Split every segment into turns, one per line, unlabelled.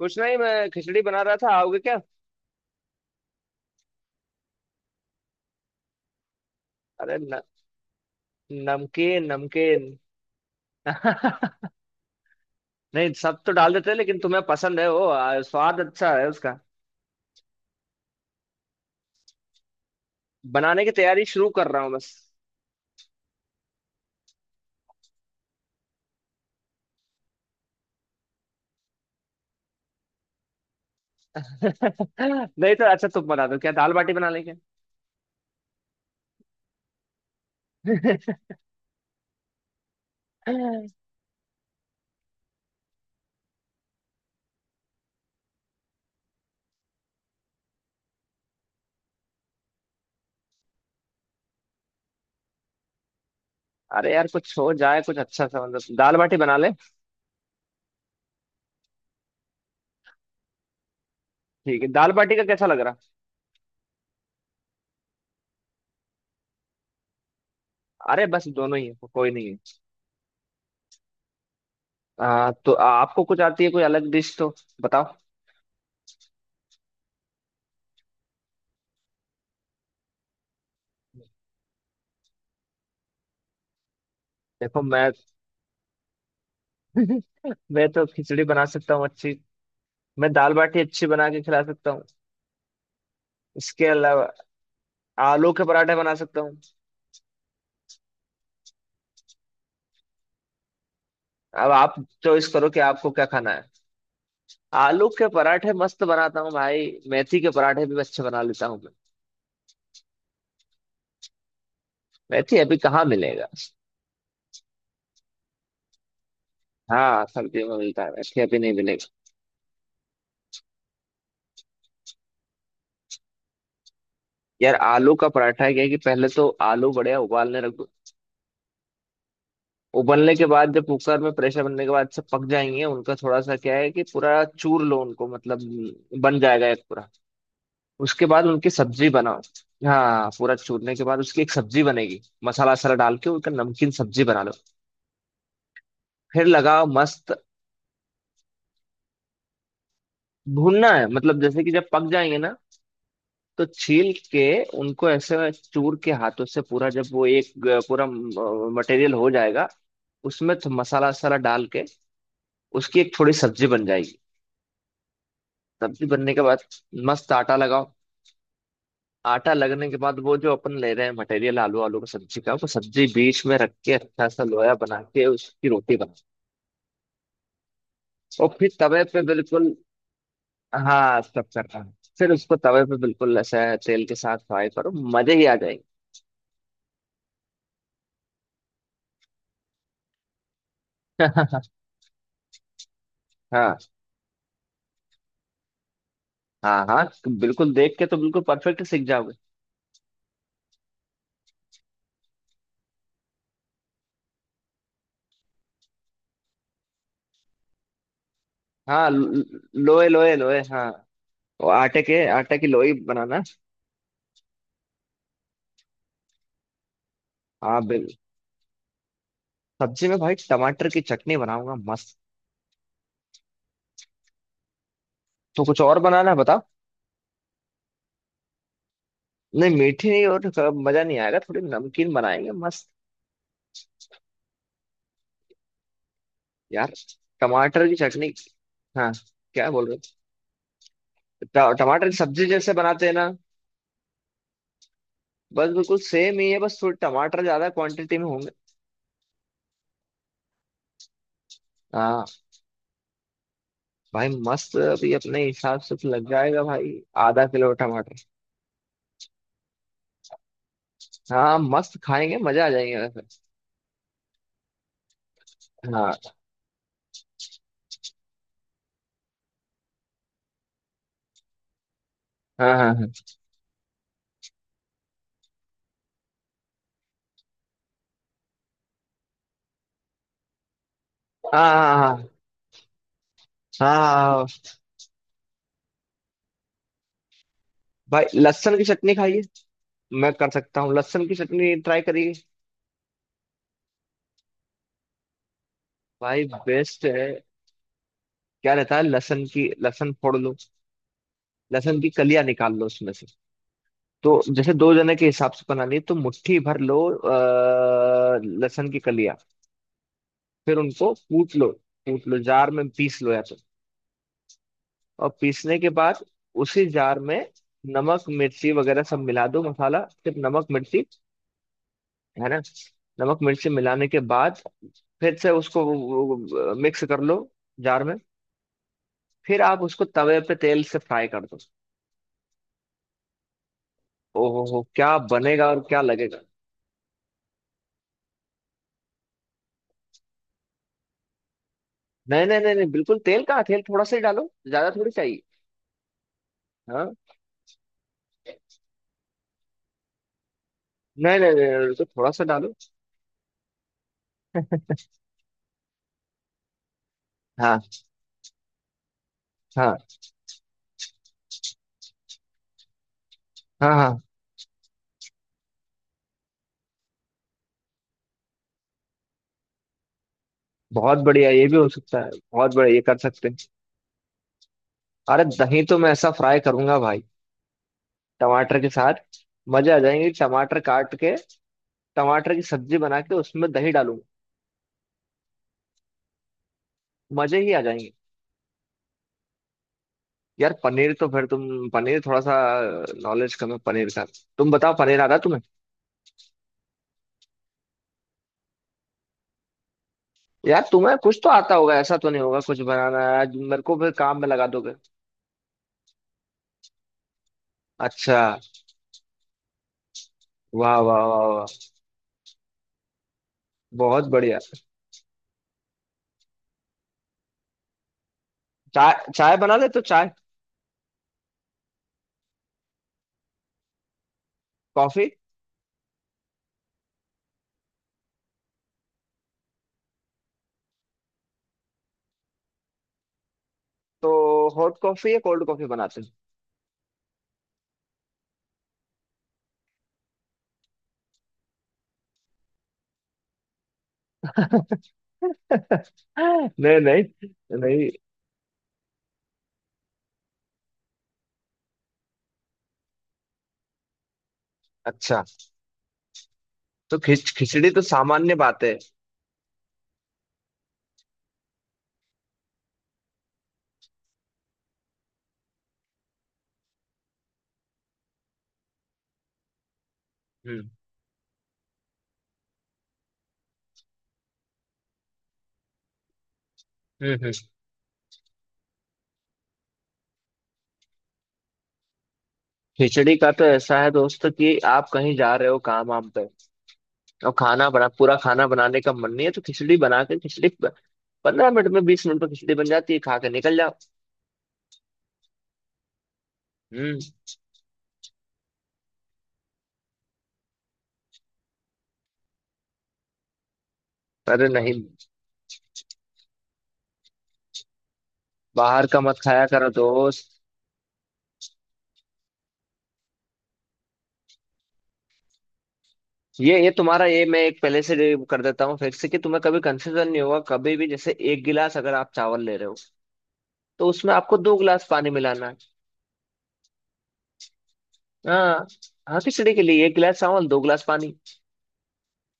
कुछ नहीं, मैं खिचड़ी बना रहा था। आओगे क्या? अरे न, नमकीन नमकीन। नहीं, सब तो डाल देते हैं लेकिन तुम्हें पसंद है वो, स्वाद अच्छा है उसका। बनाने की तैयारी शुरू कर रहा हूँ बस। नहीं तो अच्छा, तुम बना दो, क्या दाल बाटी बना लेंगे। अरे यार, कुछ हो जाए, कुछ अच्छा सा मतलब दाल बाटी बना ले। ठीक है, दाल बाटी का कैसा लग रहा? अरे बस दोनों ही है, कोई नहीं है। तो आपको कुछ आती है कोई अलग डिश तो बताओ। देखो मैं मैं तो खिचड़ी बना सकता हूँ अच्छी। मैं दाल बाटी अच्छी बना के खिला सकता हूँ। इसके अलावा आलू के पराठे बना सकता हूँ। अब आप चॉइस करो कि आपको क्या खाना है। आलू के पराठे मस्त बनाता हूँ भाई, मेथी के पराठे भी अच्छे बना लेता हूँ मैं। मेथी अभी कहाँ मिलेगा? हाँ, सब्जी में मिलता है, मेथी अभी नहीं मिलेगा। यार, आलू का पराठा क्या है कि पहले तो आलू बढ़िया उबालने रख दो। उबलने के बाद जब कुकर में प्रेशर बनने के बाद सब पक जाएंगे, उनका थोड़ा सा क्या है कि पूरा चूर लो उनको, मतलब बन जाएगा एक पूरा। उसके बाद उनकी सब्जी बनाओ। हाँ, पूरा चूरने के बाद उसकी एक सब्जी बनेगी, मसाला वसाला डाल के उनका नमकीन सब्जी बना लो। फिर लगाओ मस्त। भूनना है मतलब, जैसे कि जब पक जाएंगे ना, तो छील के उनको ऐसे चूर के हाथों से पूरा, जब वो एक पूरा मटेरियल हो जाएगा, उसमें तो मसाला वसाला डाल के उसकी एक थोड़ी सब्जी बन जाएगी। सब्जी बनने के बाद मस्त आटा लगाओ। आटा लगने के बाद वो जो अपन ले रहे हैं मटेरियल, आलू आलू का सब्जी का, वो सब्जी बीच में रख के अच्छा सा लोया बना के उसकी रोटी बनाओ। और फिर तवे पे बिल्कुल। हाँ, सब करता है। फिर उसको तवे पे बिल्कुल ऐसा तेल के साथ फ्राई करो। मजे ही आ जाएंगे। हाँ हाँ हाँ, बिल्कुल देख के तो बिल्कुल परफेक्ट सीख जाओगे। हाँ, लोए लोए लोए, हाँ। वो आटे के आटे की लोई बनाना। हाँ, बिल सब्जी में भाई टमाटर की चटनी बनाऊंगा मस्त। तो कुछ और बनाना है बताओ? नहीं, मीठी नहीं, और थोड़ा मजा नहीं आएगा, थोड़ी नमकीन बनाएंगे मस्त। यार, टमाटर की चटनी। हाँ, क्या बोल रहे हो? टमाटर की सब्जी जैसे बनाते हैं ना, बस बिल्कुल सेम ही है, बस थोड़े टमाटर ज्यादा क्वांटिटी में होंगे। हाँ भाई, मस्त अभी अपने हिसाब से तो लग जाएगा भाई। आधा किलो टमाटर। हाँ, मस्त खाएंगे, मजा आ जाएंगे वैसे। हाँ हाँ हाँ हाँ हाँ हाँ हाँ हाँ, हाँ। हाँ, हाँ। भाई, लहसुन की चटनी खाइए। मैं कर सकता हूँ, लहसुन की चटनी ट्राई करिए। भाई बेस्ट है। क्या रहता है, लहसुन की लहसुन फोड़ लो। लहसुन की कलियां निकाल लो उसमें से। तो जैसे दो जने के हिसाब से बनानी है, तो मुट्ठी भर लो लहसुन की कलियां। फिर उनको कूट लो। कूट लो जार में, पीस लो या तो। और पीसने के बाद उसी जार में नमक मिर्ची वगैरह सब मिला दो, मसाला, फिर नमक मिर्ची, है ना? नमक मिर्ची मिलाने के बाद फिर से उसको मिक्स कर लो जार में। फिर आप उसको तवे पे तेल से फ्राई कर दो। ओहो हो, क्या बनेगा और क्या लगेगा। नहीं नहीं नहीं नहीं, बिल्कुल, तेल कहाँ, तेल थोड़ा सा ही डालो, ज्यादा थोड़ी चाहिए। हाँ, नहीं नहीं नहीं नहीं, तो थोड़ा सा डालो। हाँ हाँ हाँ हाँ, बहुत बढ़िया, ये भी हो सकता है, बहुत बढ़िया, ये कर सकते हैं। अरे दही तो मैं ऐसा फ्राई करूंगा भाई, टमाटर के साथ। मजे आ जाएंगे, टमाटर काट के, टमाटर की सब्जी बना के उसमें दही डालूंगा। मजे ही आ जाएंगे। यार, पनीर तो फिर तुम, पनीर थोड़ा सा नॉलेज कम है पनीर का। तुम बताओ, पनीर आता है तुम्हें? यार, तुम्हें कुछ तो आता होगा, ऐसा तो नहीं होगा, कुछ बनाना आज मेरे को फिर काम में लगा दोगे। अच्छा, वाह वाह वाह वाह, बहुत बढ़िया। चाय चाय बना ले तो चाय? कॉफी? तो हॉट कॉफी या कोल्ड कॉफी बनाते हैं? नहीं नहीं नहीं। अच्छा। तो खिचड़ी तो सामान्य बात है। हम्म हम्म हम्म। खिचड़ी का तो ऐसा है दोस्त कि आप कहीं जा रहे हो काम वाम पे, और खाना बना, पूरा खाना बनाने का मन नहीं है, तो खिचड़ी बना के खिचड़ी 15 मिनट में 20 मिनट में खिचड़ी बन जाती है, खा के निकल जाओ। हम्म। अरे नहीं, बाहर का मत खाया करो दोस्त। ये तुम्हारा, ये मैं एक पहले से ये कर देता हूँ फिर से कि तुम्हें कभी कंफ्यूजन नहीं होगा। कभी भी जैसे एक गिलास अगर आप चावल ले रहे हो, तो उसमें आपको दो गिलास पानी मिलाना है। हाँ हाँ, खिचड़ी के लिए एक गिलास चावल दो गिलास पानी।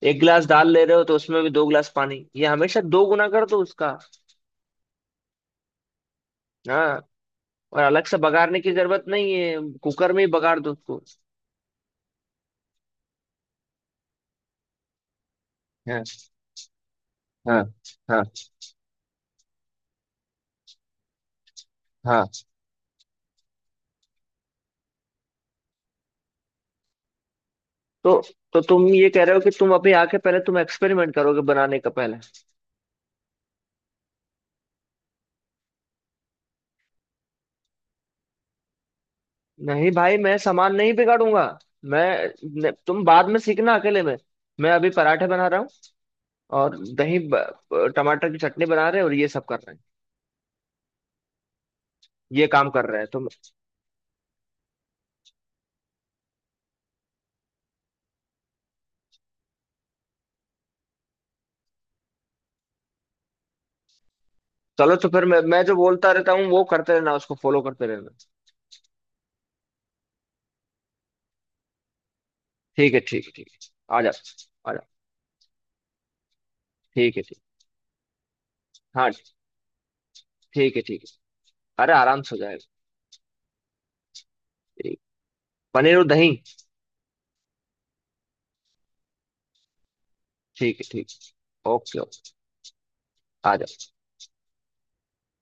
एक गिलास दाल ले रहे हो तो उसमें भी दो गिलास पानी, ये हमेशा दो गुना कर दो उसका। हाँ, और अलग से बघाड़ने की जरूरत नहीं है, कुकर में ही बघाड़ दो उसको। हाँ हाँ हाँ हाँ। तो तो तुम ये कह रहे हो कि तुम अभी आके पहले तुम एक्सपेरिमेंट करोगे बनाने का पहले? नहीं भाई, मैं सामान नहीं बिगाड़ूंगा। मैं, तुम बाद में सीखना अकेले में। मैं अभी पराठे बना रहा हूँ और दही, टमाटर की चटनी बना रहे हैं और ये सब कर रहे हैं, ये काम कर रहे हैं तुम। चलो, तो फिर मैं जो बोलता रहता हूँ वो करते रहना, उसको फॉलो करते रहना। ठीक है ठीक है ठीक है, आ जा। आ जा। ठीक है, ठीक। हाँ। ठीक है, ठीक है। अरे आराम से हो जाएगा। ठीक। पनीर और दही। ठीक है, ठीक। Okay okay. आ जा।